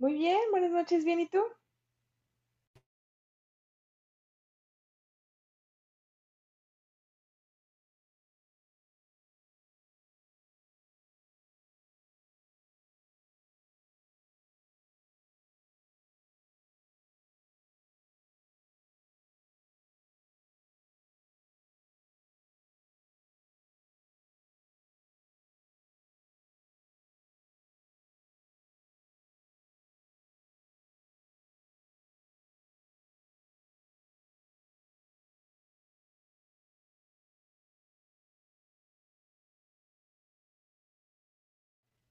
Muy bien, buenas noches, bien, ¿y tú?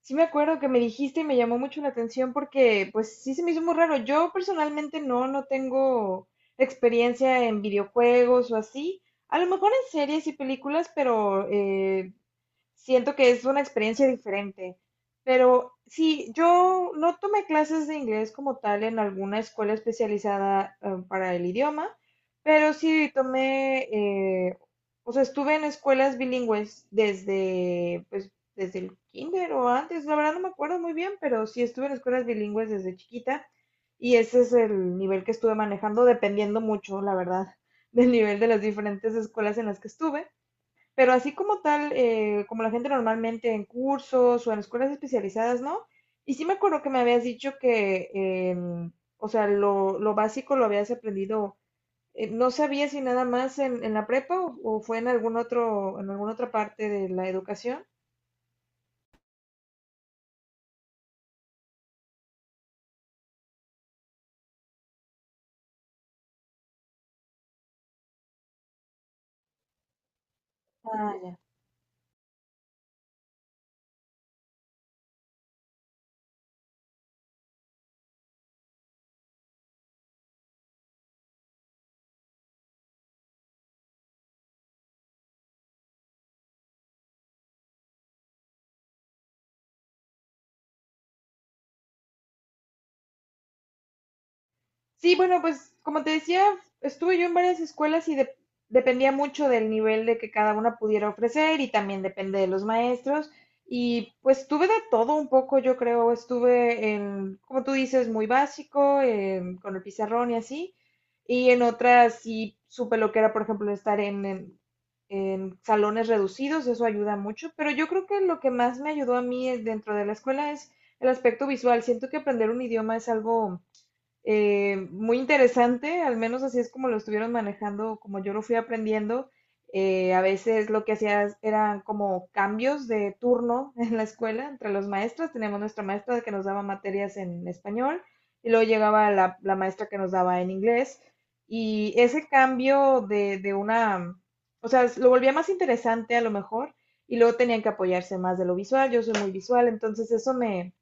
Sí me acuerdo que me dijiste y me llamó mucho la atención porque pues sí se me hizo muy raro. Yo personalmente no tengo experiencia en videojuegos o así. A lo mejor en series y películas, pero siento que es una experiencia diferente. Pero sí, yo no tomé clases de inglés como tal en alguna escuela especializada, para el idioma, pero sí tomé, o sea, estuve en escuelas bilingües desde, pues, desde el kinder o antes, la verdad no me acuerdo muy bien, pero sí estuve en escuelas bilingües desde chiquita y ese es el nivel que estuve manejando, dependiendo mucho, la verdad, del nivel de las diferentes escuelas en las que estuve. Pero así como tal, como la gente normalmente en cursos o en escuelas especializadas, ¿no? Y sí me acuerdo que me habías dicho que, o sea, lo básico lo habías aprendido. Eh, no sabía si nada más en la prepa o fue en algún otro, en alguna otra parte de la educación. Ah. Sí, bueno, pues como te decía, estuve yo en varias escuelas y dependía mucho del nivel de que cada una pudiera ofrecer y también depende de los maestros. Y pues tuve de todo un poco, yo creo, estuve en, como tú dices, muy básico, con el pizarrón y así. Y en otras sí supe lo que era, por ejemplo, estar en, en salones reducidos, eso ayuda mucho. Pero yo creo que lo que más me ayudó a mí dentro de la escuela es el aspecto visual. Siento que aprender un idioma es algo muy interesante, al menos así es como lo estuvieron manejando, como yo lo fui aprendiendo. A veces lo que hacías eran como cambios de turno en la escuela entre los maestros. Teníamos nuestra maestra que nos daba materias en español y luego llegaba la maestra que nos daba en inglés. Y ese cambio de una, o sea, lo volvía más interesante a lo mejor y luego tenían que apoyarse más de lo visual. Yo soy muy visual, entonces eso me...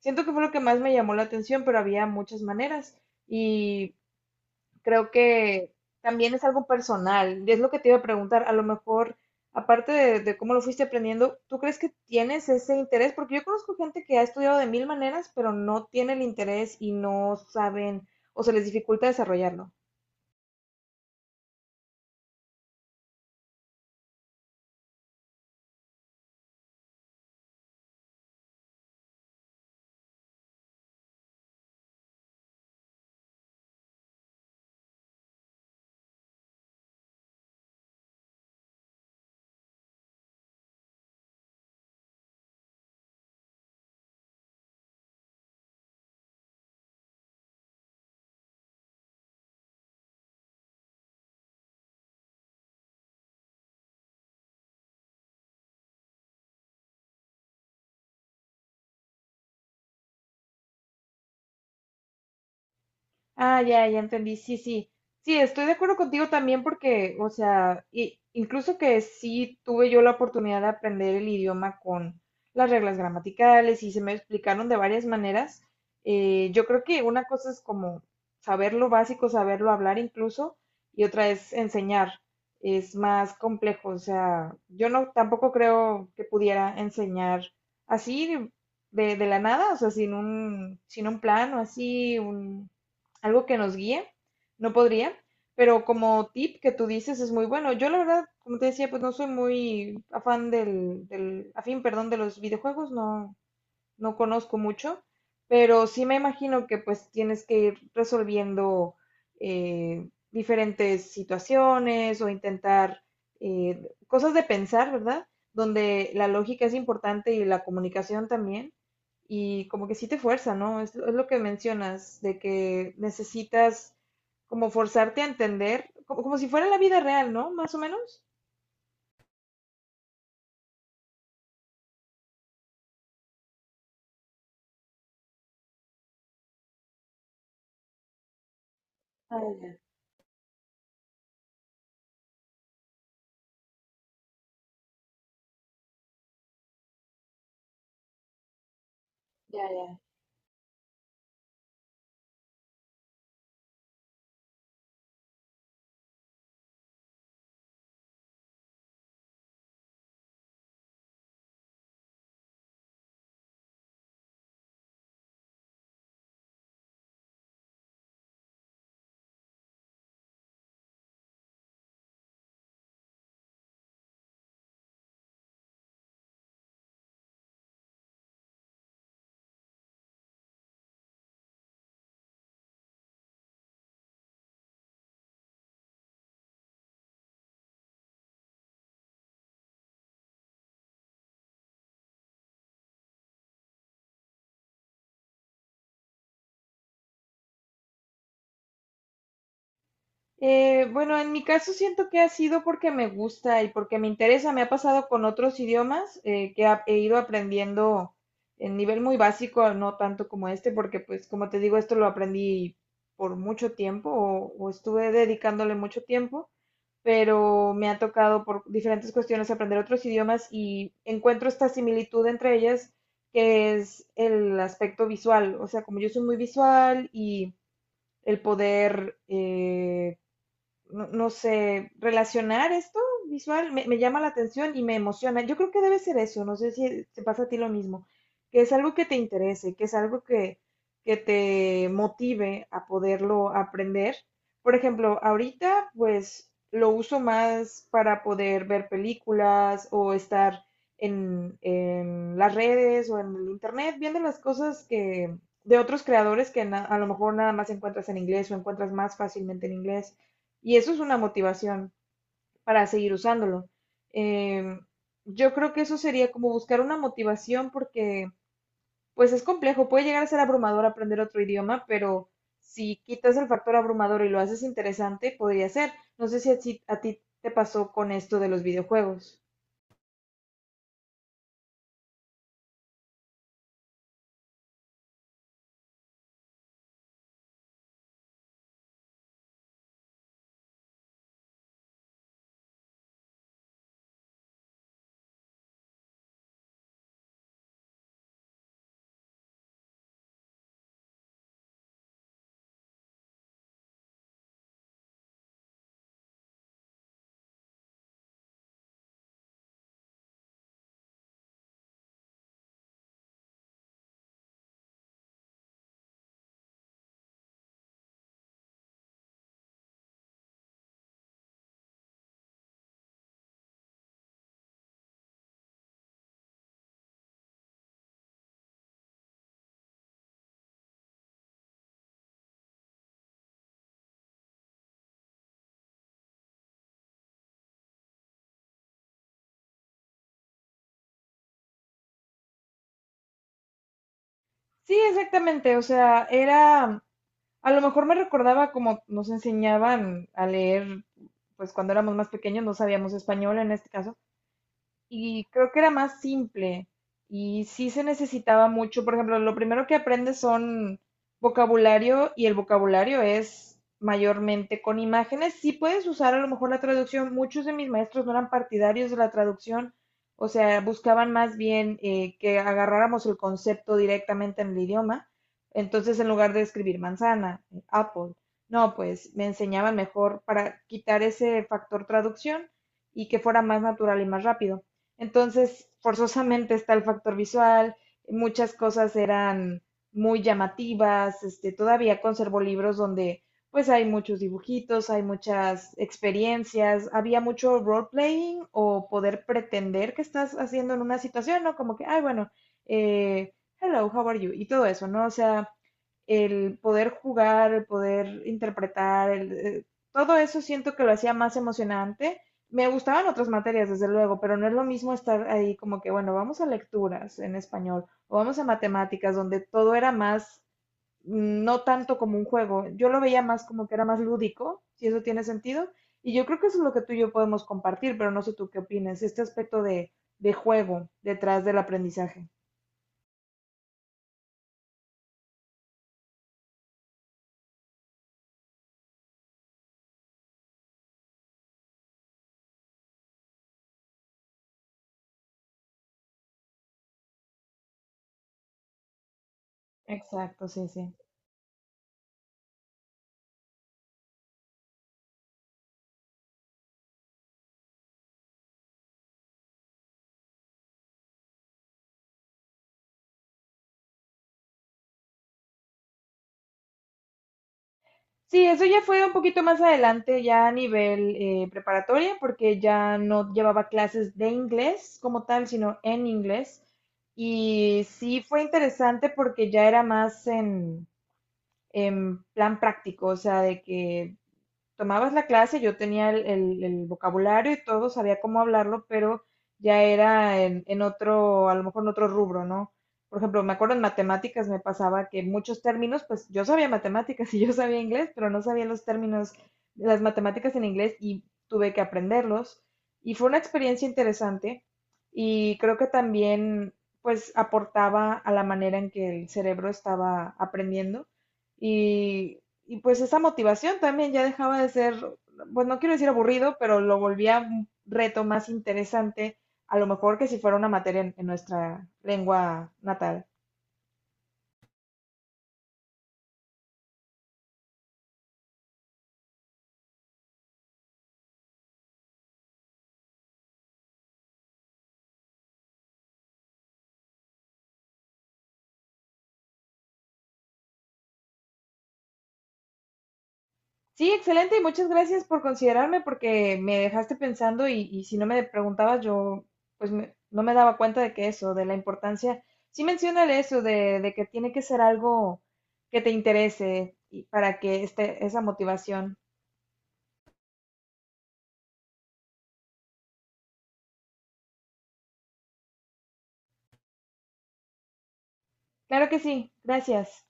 Siento que fue lo que más me llamó la atención, pero había muchas maneras y creo que también es algo personal. Y es lo que te iba a preguntar. A lo mejor, aparte de cómo lo fuiste aprendiendo, ¿tú crees que tienes ese interés? Porque yo conozco gente que ha estudiado de mil maneras, pero no tiene el interés y no saben o se les dificulta desarrollarlo. Ah, ya, ya entendí. Sí, sí. Sí, estoy de acuerdo contigo también porque, o sea, incluso que sí tuve yo la oportunidad de aprender el idioma con las reglas gramaticales y se me explicaron de varias maneras. Eh, yo creo que una cosa es como saber lo básico, saberlo hablar incluso, y otra es enseñar. Es más complejo. O sea, yo no tampoco creo que pudiera enseñar así de la nada, o sea, sin un plan o así, un algo que nos guíe, no podría, pero como tip que tú dices es muy bueno. Yo la verdad, como te decía, pues no soy muy afán del afín, perdón, de los videojuegos, no, no conozco mucho, pero sí me imagino que pues tienes que ir resolviendo diferentes situaciones o intentar cosas de pensar, ¿verdad? Donde la lógica es importante y la comunicación también. Y como que sí te fuerza, ¿no? Es lo que mencionas, de que necesitas como forzarte a entender, como, como si fuera la vida real, ¿no? Más o menos. Ah, ya, ya, ya. Bueno, en mi caso siento que ha sido porque me gusta y porque me interesa. Me ha pasado con otros idiomas que he ido aprendiendo en nivel muy básico, no tanto como este, porque pues como te digo, esto lo aprendí por mucho tiempo o estuve dedicándole mucho tiempo, pero me ha tocado por diferentes cuestiones aprender otros idiomas y encuentro esta similitud entre ellas, que es el aspecto visual. O sea, como yo soy muy visual y el poder... no, no sé, relacionar esto visual me, me llama la atención y me emociona. Yo creo que debe ser eso, no sé si te pasa a ti lo mismo, que es algo que te interese, que es algo que te motive a poderlo aprender. Por ejemplo, ahorita pues lo uso más para poder ver películas o estar en las redes o en el internet viendo las cosas que de otros creadores que a lo mejor nada más encuentras en inglés o encuentras más fácilmente en inglés. Y eso es una motivación para seguir usándolo. Eh, yo creo que eso sería como buscar una motivación porque pues es complejo, puede llegar a ser abrumador aprender otro idioma, pero si quitas el factor abrumador y lo haces interesante, podría ser. No sé si a ti te pasó con esto de los videojuegos. Sí, exactamente, o sea, era, a lo mejor me recordaba como nos enseñaban a leer, pues cuando éramos más pequeños no sabíamos español en este caso y creo que era más simple y sí se necesitaba mucho. Por ejemplo, lo primero que aprendes son vocabulario y el vocabulario es mayormente con imágenes. Sí puedes usar a lo mejor la traducción. Muchos de mis maestros no eran partidarios de la traducción, o sea, buscaban más bien que agarráramos el concepto directamente en el idioma. Entonces, en lugar de escribir manzana, apple, no, pues me enseñaban mejor para quitar ese factor traducción y que fuera más natural y más rápido. Entonces, forzosamente está el factor visual, muchas cosas eran muy llamativas, este, todavía conservo libros donde pues hay muchos dibujitos, hay muchas experiencias, había mucho role-playing o poder pretender que estás haciendo en una situación, ¿no? Como que, ay, bueno, eh, hello, how are you? Y todo eso, ¿no? O sea, el poder jugar, el poder interpretar, el, todo eso siento que lo hacía más emocionante. Me gustaban otras materias, desde luego, pero no es lo mismo estar ahí como que, bueno, vamos a lecturas en español o vamos a matemáticas, donde todo era más, mm, no tanto como un juego. Yo lo veía más como que era más lúdico, si eso tiene sentido. Y yo creo que eso es lo que tú y yo podemos compartir, pero no sé tú qué opinas, este aspecto de juego detrás del aprendizaje. Exacto, sí, sí. Sí, eso ya fue un poquito más adelante, ya a nivel preparatoria, porque ya no llevaba clases de inglés como tal, sino en inglés. Y sí fue interesante porque ya era más en plan práctico, o sea, de que tomabas la clase, yo tenía el, el vocabulario y todo, sabía cómo hablarlo, pero ya era en otro, a lo mejor en otro rubro, ¿no? Por ejemplo, me acuerdo en matemáticas me pasaba que muchos términos, pues yo sabía matemáticas y yo sabía inglés, pero no sabía los términos, las matemáticas en inglés y tuve que aprenderlos. Y fue una experiencia interesante y creo que también pues aportaba a la manera en que el cerebro estaba aprendiendo. Y y pues esa motivación también ya dejaba de ser, pues no quiero decir aburrido, pero lo volvía un reto más interesante, a lo mejor que si fuera una materia en nuestra lengua natal. Sí, excelente y muchas gracias por considerarme porque me dejaste pensando y si no me preguntabas yo pues no me daba cuenta de que eso, de la importancia. Sí menciona eso, de que tiene que ser algo que te interese y para que esté esa motivación. Claro que sí, gracias.